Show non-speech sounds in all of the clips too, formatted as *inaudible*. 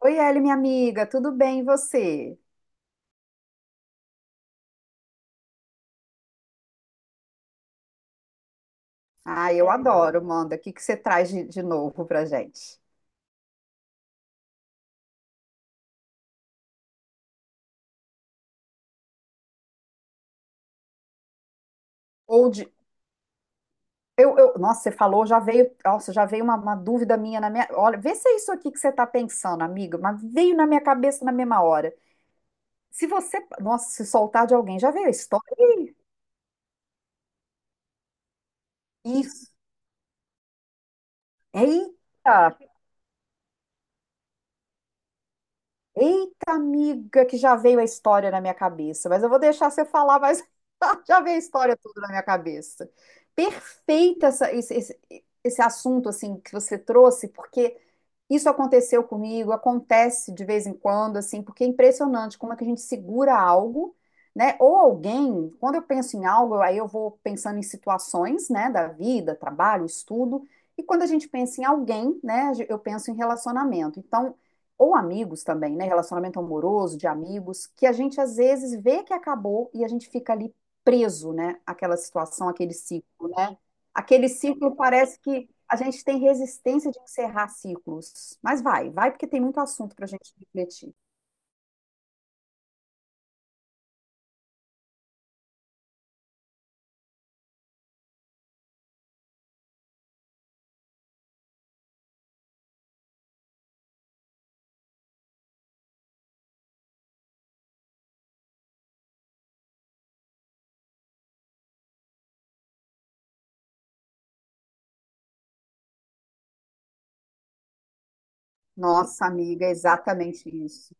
Oi, Eli, minha amiga, tudo bem e você? Ah, eu adoro, manda. O que que você traz de novo pra gente? Ou de. Nossa, você falou, já veio. Nossa, já veio uma dúvida minha na minha. Olha, vê se é isso aqui que você tá pensando, amiga, mas veio na minha cabeça na mesma hora. Se você. Nossa, se soltar de alguém, já veio a história? Ih, isso. Eita! Eita, amiga, que já veio a história na minha cabeça, mas eu vou deixar você falar, mas *laughs* já veio a história toda na minha cabeça. Perfeito esse assunto assim que você trouxe, porque isso aconteceu comigo, acontece de vez em quando, assim, porque é impressionante como é que a gente segura algo, né? Ou alguém. Quando eu penso em algo, aí eu vou pensando em situações, né, da vida, trabalho, estudo, e quando a gente pensa em alguém, né, eu penso em relacionamento. Então, ou amigos também, né, relacionamento amoroso, de amigos, que a gente às vezes vê que acabou e a gente fica ali preso, né, àquela situação, aquele ciclo, né? Aquele ciclo, parece que a gente tem resistência de encerrar ciclos. Mas vai, vai, porque tem muito assunto para a gente refletir. Nossa, amiga, é exatamente isso.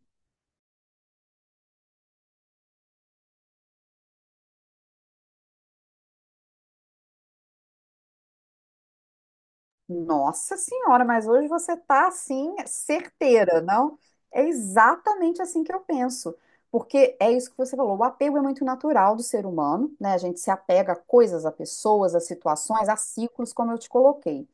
Nossa senhora, mas hoje você está assim, certeira, não? É exatamente assim que eu penso. Porque é isso que você falou, o apego é muito natural do ser humano, né? A gente se apega a coisas, a pessoas, a situações, a ciclos, como eu te coloquei.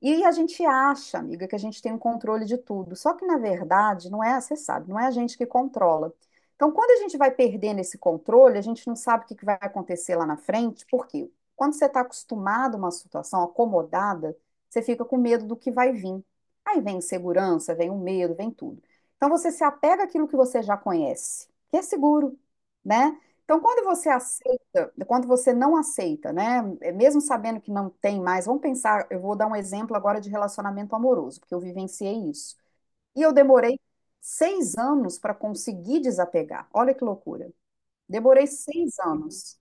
E a gente acha, amiga, que a gente tem um controle de tudo. Só que, na verdade, não é, você sabe, não é a gente que controla. Então, quando a gente vai perdendo esse controle, a gente não sabe o que que vai acontecer lá na frente, porque quando você está acostumado a uma situação acomodada, você fica com medo do que vai vir. Aí vem insegurança, vem o medo, vem tudo. Então, você se apega àquilo que você já conhece, que é seguro, né? Então, quando você não aceita, né? Mesmo sabendo que não tem mais, vamos pensar, eu vou dar um exemplo agora de relacionamento amoroso, porque eu vivenciei isso. E eu demorei 6 anos para conseguir desapegar. Olha que loucura. Demorei seis anos.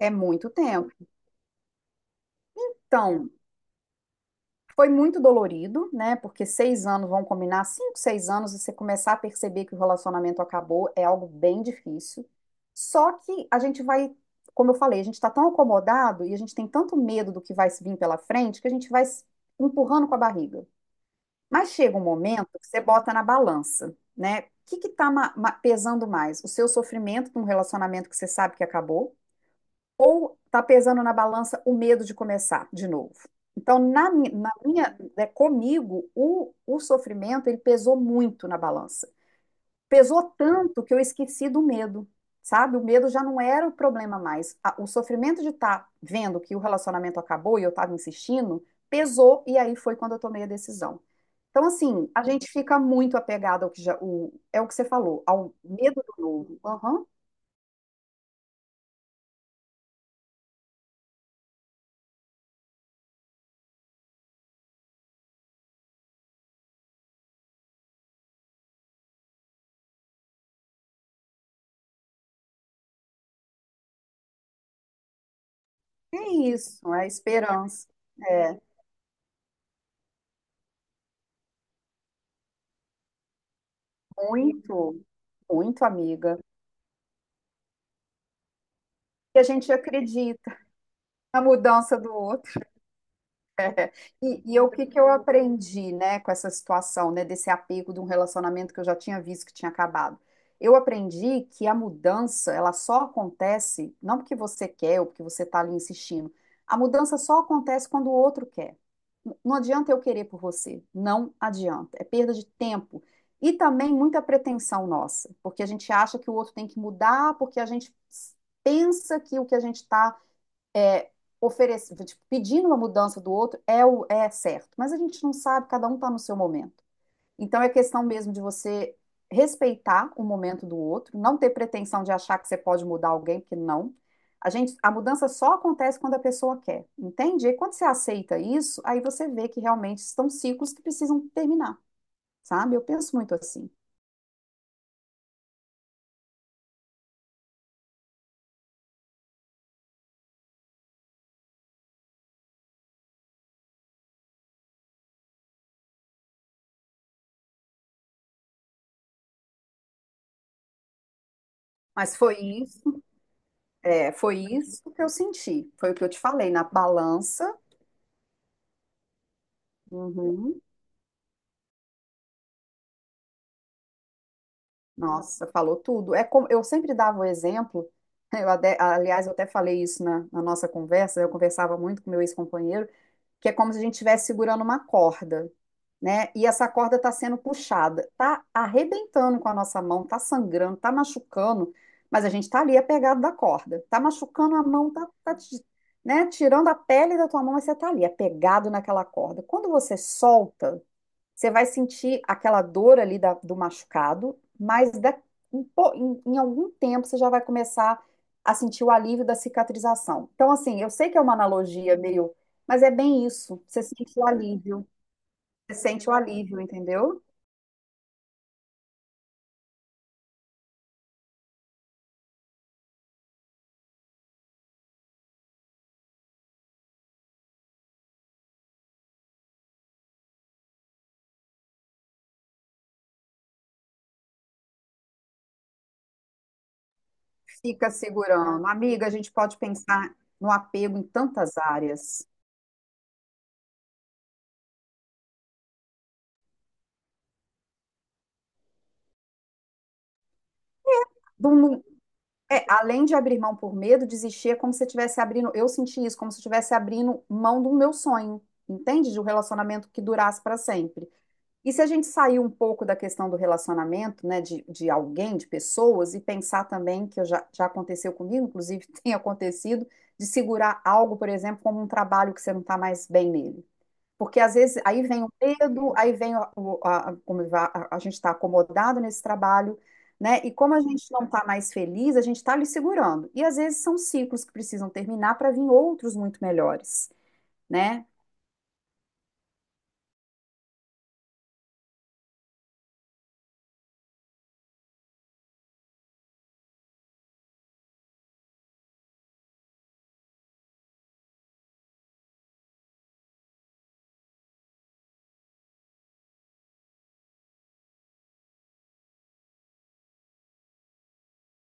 É muito tempo. Então, foi muito dolorido, né? Porque 6 anos, vão combinar, 5, 6 anos, e você começar a perceber que o relacionamento acabou é algo bem difícil. Só que a gente vai, como eu falei, a gente está tão acomodado e a gente tem tanto medo do que vai vir pela frente que a gente vai se empurrando com a barriga. Mas chega um momento que você bota na balança, né? O que que tá pesando mais? O seu sofrimento com um relacionamento que você sabe que acabou, ou está pesando na balança o medo de começar de novo? Então, na minha, né, comigo, o sofrimento, ele pesou muito na balança. Pesou tanto que eu esqueci do medo, sabe? O medo já não era o problema mais. O sofrimento de estar vendo que o relacionamento acabou e eu estava insistindo, pesou, e aí foi quando eu tomei a decisão. Então, assim, a gente fica muito apegado ao que já, o, é o que você falou, ao medo do novo. Aham. É isso, é a esperança. É. Muito, muito, amiga. E a gente acredita na mudança do outro. E o que que eu aprendi, né, com essa situação, né, desse apego de um relacionamento que eu já tinha visto que tinha acabado? Eu aprendi que a mudança, ela só acontece, não porque você quer ou porque você está ali insistindo, a mudança só acontece quando o outro quer. Não adianta eu querer por você, não adianta, é perda de tempo. E também muita pretensão nossa, porque a gente acha que o outro tem que mudar, porque a gente pensa que o que a gente está é, oferecendo, tipo, pedindo uma mudança do outro é o é certo, mas a gente não sabe, cada um está no seu momento. Então é questão mesmo de você respeitar o momento do outro, não ter pretensão de achar que você pode mudar alguém, porque não. A gente, a mudança só acontece quando a pessoa quer, entende? E quando você aceita isso, aí você vê que realmente estão ciclos que precisam terminar, sabe? Eu penso muito assim. Mas foi isso, foi isso que eu senti, foi o que eu te falei na balança. Uhum. Nossa, falou tudo. É como, eu sempre dava o exemplo, *laughs* aliás, eu até falei isso na, na nossa conversa, eu conversava muito com meu ex-companheiro, que é como se a gente estivesse segurando uma corda, né? E essa corda está sendo puxada, tá arrebentando com a nossa mão, tá sangrando, tá machucando, mas a gente está ali apegado da corda, tá machucando a mão, né? Tirando a pele da tua mão, mas você tá ali apegado naquela corda. Quando você solta, você vai sentir aquela dor ali do machucado, mas em algum tempo você já vai começar a sentir o alívio da cicatrização. Então, assim, eu sei que é uma analogia meio, mas é bem isso. Você sente o alívio, você sente o alívio, entendeu? Fica segurando. Amiga, a gente pode pensar no apego em tantas áreas. Não- não- é, além de abrir mão por medo, desistir é como se eu estivesse abrindo. Eu senti isso, como se eu estivesse abrindo mão do meu sonho, entende? De um relacionamento que durasse para sempre. E se a gente sair um pouco da questão do relacionamento, né, de alguém, de pessoas, e pensar também, que eu já aconteceu comigo, inclusive *laughs* tem acontecido, de segurar algo, por exemplo, como um trabalho que você não está mais bem nele. Porque às vezes aí vem o medo, aí vem a, a gente está acomodado nesse trabalho, né? E como a gente não está mais feliz, a gente está ali segurando. E às vezes são ciclos que precisam terminar para vir outros muito melhores, né?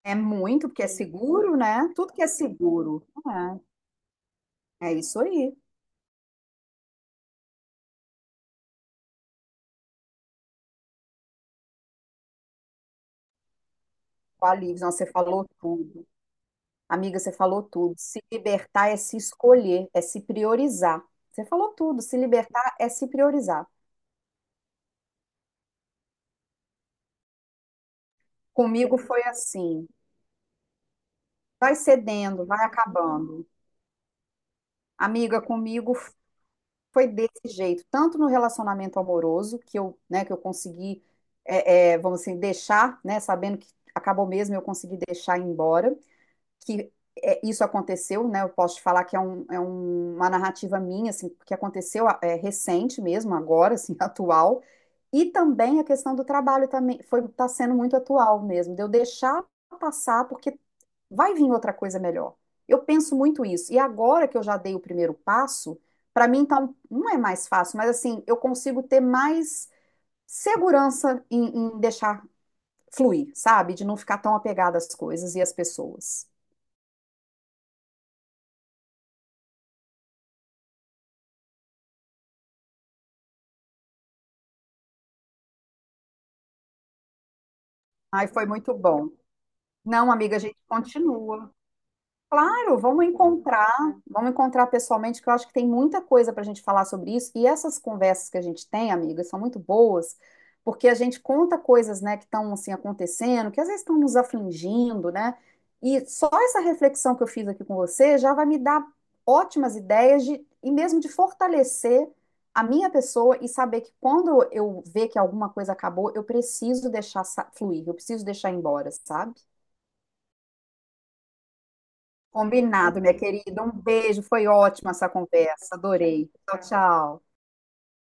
É muito, porque é seguro, né? Tudo que é seguro. É. É isso aí. O alívio, não, você falou tudo. Amiga, você falou tudo. Se libertar é se escolher, é se priorizar. Você falou tudo. Se libertar é se priorizar. Comigo foi assim. Vai cedendo, vai acabando. Amiga, comigo foi desse jeito. Tanto no relacionamento amoroso, que eu, né, que eu consegui, vamos assim, deixar, né, sabendo que acabou mesmo, eu consegui deixar ir embora. que isso aconteceu, né? Eu posso te falar que uma narrativa minha, assim, que aconteceu recente mesmo, agora, assim, *laughs* atual. E também a questão do trabalho também foi tá sendo muito atual mesmo, de eu deixar passar porque vai vir outra coisa melhor. Eu penso muito isso. E agora que eu já dei o primeiro passo, para mim então não é mais fácil, mas assim, eu consigo ter mais segurança em, deixar fluir, sabe? De não ficar tão apegada às coisas e às pessoas. Ai, foi muito bom. Não, amiga, a gente continua. Claro, vamos encontrar pessoalmente, que eu acho que tem muita coisa para a gente falar sobre isso. E essas conversas que a gente tem, amigas, são muito boas, porque a gente conta coisas, né, que estão assim acontecendo, que às vezes estão nos afligindo, né? E só essa reflexão que eu fiz aqui com você já vai me dar ótimas ideias e mesmo de fortalecer a minha pessoa e saber que quando eu ver que alguma coisa acabou, eu preciso deixar fluir, eu preciso deixar ir embora, sabe? Combinado, minha querida. Um beijo, foi ótima essa conversa, adorei. Tchau, tchau.